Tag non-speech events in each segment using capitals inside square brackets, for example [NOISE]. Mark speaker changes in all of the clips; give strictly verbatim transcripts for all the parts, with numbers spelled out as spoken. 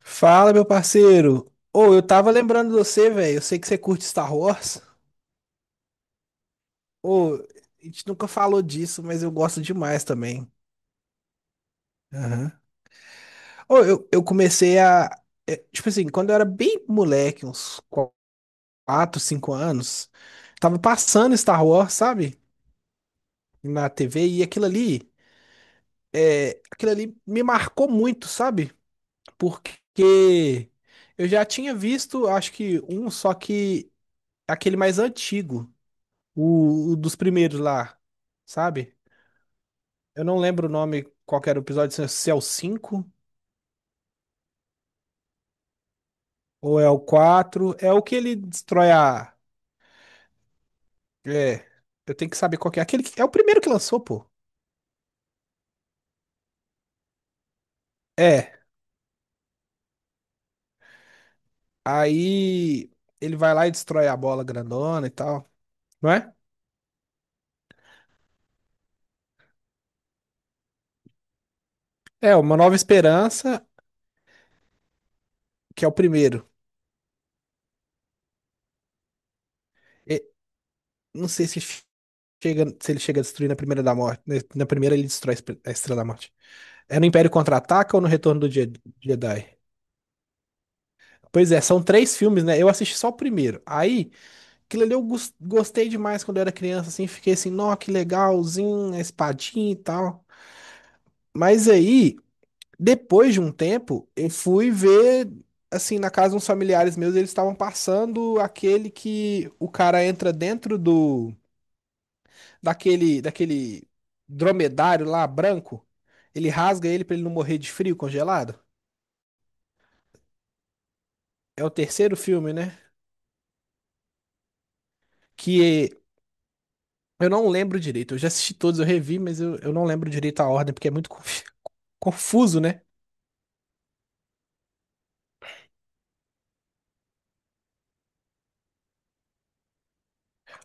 Speaker 1: Fala, meu parceiro. Ô, eu tava lembrando de você, velho. Eu sei que você curte Star Wars. Ô, a gente nunca falou disso, mas eu gosto demais também. Aham. Ô, eu, eu comecei a. É, tipo assim, quando eu era bem moleque, uns quatro, cinco anos, tava passando Star Wars, sabe? Na T V, e aquilo ali, é, aquilo ali me marcou muito, sabe? Porque eu já tinha visto, acho que um, só que aquele mais antigo. O, o dos primeiros lá, sabe? Eu não lembro o nome, qual que era o episódio, se é se é o cinco ou é o quatro. É o que ele destrói a. É, eu tenho que saber qual que é. Aquele que... É o primeiro que lançou, pô. É, aí ele vai lá e destrói a bola grandona e tal, não é? É, Uma Nova Esperança, que é o primeiro. E- não sei se chega, se ele chega a destruir na primeira da morte. Na na primeira ele destrói a Espe- a Estrela da Morte. É no Império Contra-Ataca ou no Retorno do Je- Jedi? Pois é, são três filmes, né? Eu assisti só o primeiro. Aí, aquilo ali eu gos- gostei demais quando eu era criança, assim, fiquei assim, nó, que legalzinho, a espadinha e tal. Mas aí, depois de um tempo, eu fui ver, assim, na casa de uns familiares meus, eles estavam passando aquele que o cara entra dentro do, daquele, daquele dromedário lá, branco. Ele rasga ele pra ele não morrer de frio congelado. É o terceiro filme, né? Que eu não lembro direito. Eu já assisti todos, eu revi, mas eu, eu não lembro direito a ordem, porque é muito conf- [LAUGHS] confuso, né?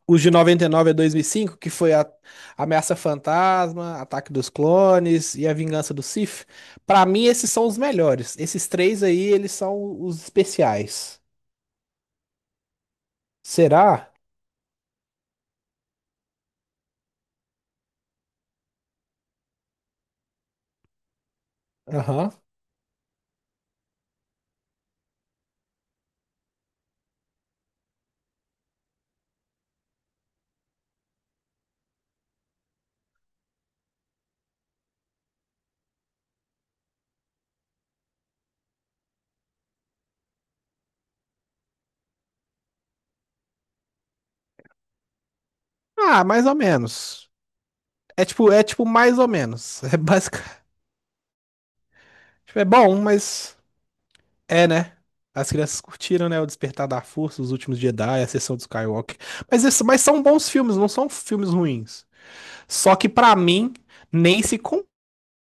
Speaker 1: Os de noventa e nove a dois mil e cinco, que foi a Ameaça Fantasma, Ataque dos Clones e A Vingança do Sith. Pra mim, esses são os melhores. Esses três aí, eles são os especiais. Será? Aham. Ah, mais ou menos. É tipo, é tipo mais ou menos. É basic... [LAUGHS] tipo, é bom, mas é, né? As crianças curtiram, né? O Despertar da Força, Os Últimos Jedi, A sessão do Skywalker. Mas, isso, mas são bons filmes, não são filmes ruins. Só que, pra mim, nem se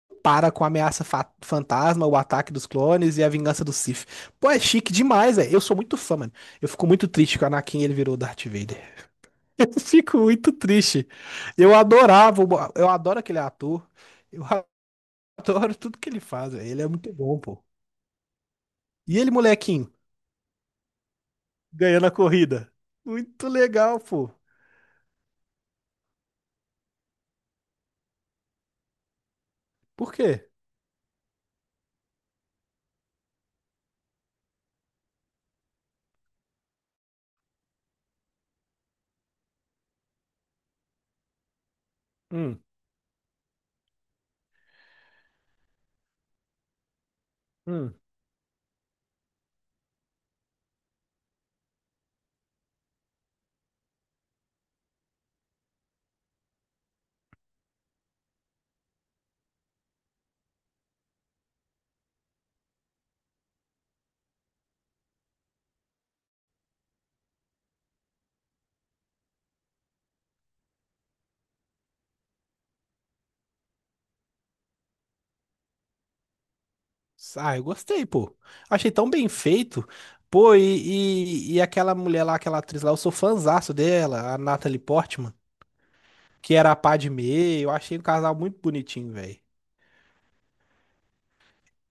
Speaker 1: compara com Ameaça Fa- Fantasma, O Ataque dos Clones e A Vingança do Sith. Pô, é chique demais, velho. Eu sou muito fã, mano. Eu fico muito triste que o Anakin ele virou Darth Vader. [LAUGHS] Eu fico muito triste. Eu adorava, o eu adoro aquele ator. Eu [LAUGHS] adoro tudo que ele faz, velho. Ele é muito bom, pô. E ele, molequinho? Ganhando a corrida. Muito legal, pô. Por quê? Hum, hum. Ah, eu gostei, pô. Achei tão bem feito. Pô, e, e, e aquela mulher lá, aquela atriz lá, eu sou fãzaço dela, a Natalie Portman, que era a Padmé. Eu achei o casal muito bonitinho, velho.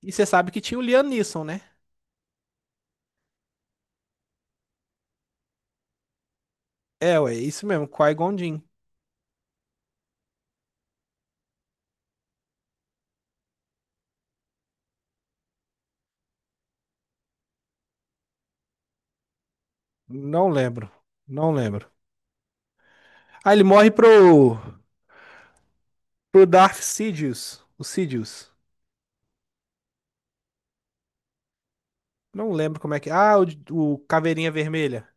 Speaker 1: E você sabe que tinha o Liam Neeson, né? É, ué, isso mesmo, Qui-Gon Jinn. Não lembro, não lembro. Ah, ele morre pro, pro Darth Sidious, o Sidious. Não lembro como é que... Ah, o, o Caveirinha Vermelha.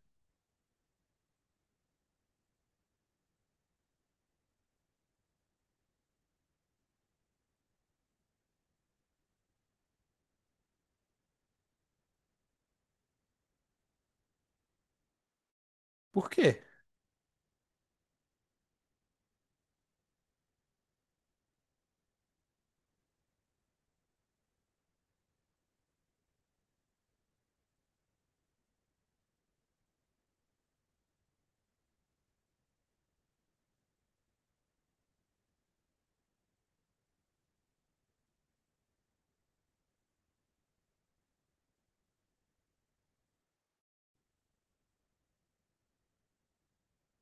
Speaker 1: Por quê?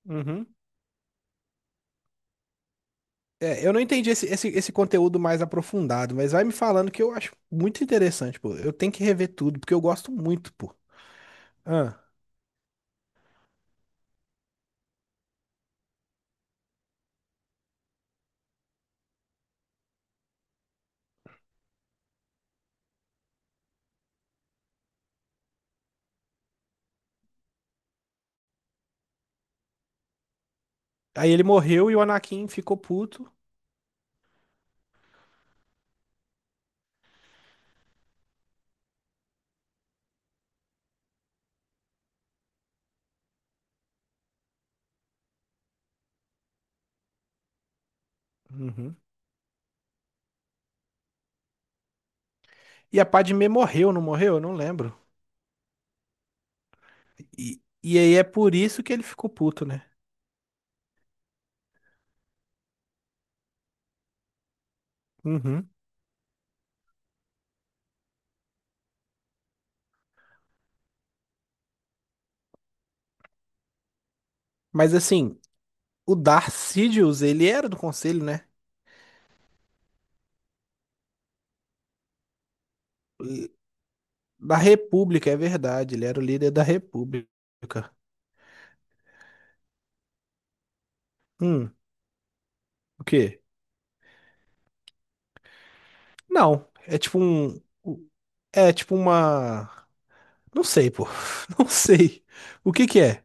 Speaker 1: Uhum. É, eu não entendi esse, esse, esse conteúdo mais aprofundado, mas vai me falando que eu acho muito interessante, pô. Eu tenho que rever tudo, porque eu gosto muito, pô. Ah. Aí ele morreu e o Anakin ficou puto. Uhum. E a Padmé morreu, não morreu? Eu não lembro. E, e aí é por isso que ele ficou puto, né? Uhum. Mas assim, o Darth Sidious, ele era do conselho, né? E- Da República, é verdade. Ele era o líder da República. Hum, o quê? Não, é tipo um. É tipo uma. Não sei, pô. [LAUGHS] Não sei. O que que é?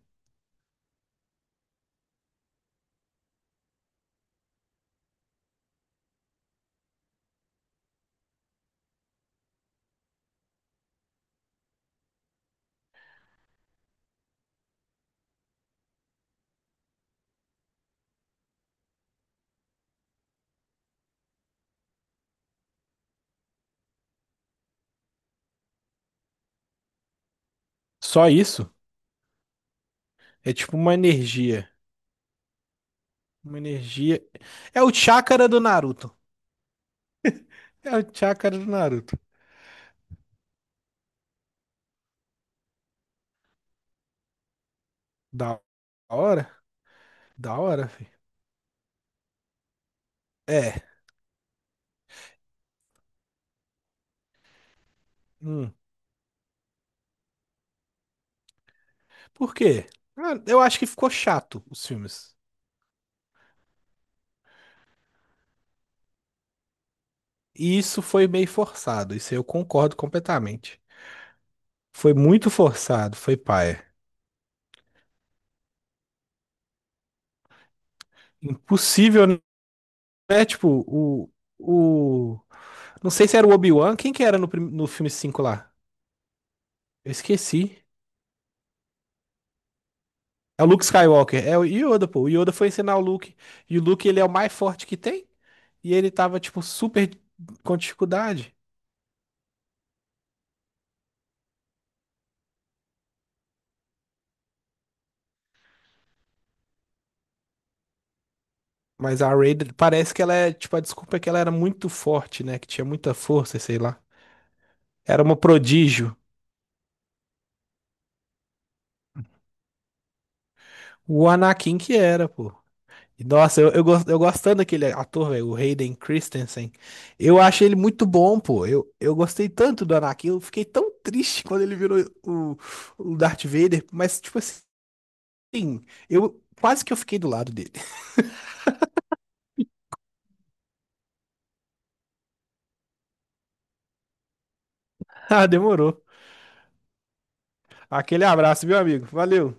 Speaker 1: Só isso? É tipo uma energia. Uma energia. É o chakra do Naruto. É o chakra do Naruto. Da hora? Da hora, filho. É. Hum. Por quê? Ah, eu acho que ficou chato os filmes. E isso foi meio forçado. Isso aí eu concordo completamente. Foi muito forçado. Foi paia. Impossível, né? Tipo, o. O. Não sei se era o Obi-Wan. Quem que era no, prim- no filme cinco lá? Eu esqueci. É o Luke Skywalker, é o Yoda, pô. O Yoda foi ensinar o Luke. E o Luke, ele é o mais forte que tem. E ele tava, tipo, super com dificuldade. Mas a Rey, parece que ela é, tipo, a desculpa é que ela era muito forte, né? Que tinha muita força, sei lá. Era uma prodígio. O Anakin que era, pô. E, nossa, eu, eu, gos- eu gostando daquele ator, velho, o Hayden Christensen. Eu achei ele muito bom, pô. Eu, eu gostei tanto do Anakin. Eu fiquei tão triste quando ele virou o, o Darth Vader. Mas, tipo assim. Sim, eu quase que eu fiquei do lado dele. [LAUGHS] Ah, demorou. Aquele abraço, meu amigo? Valeu.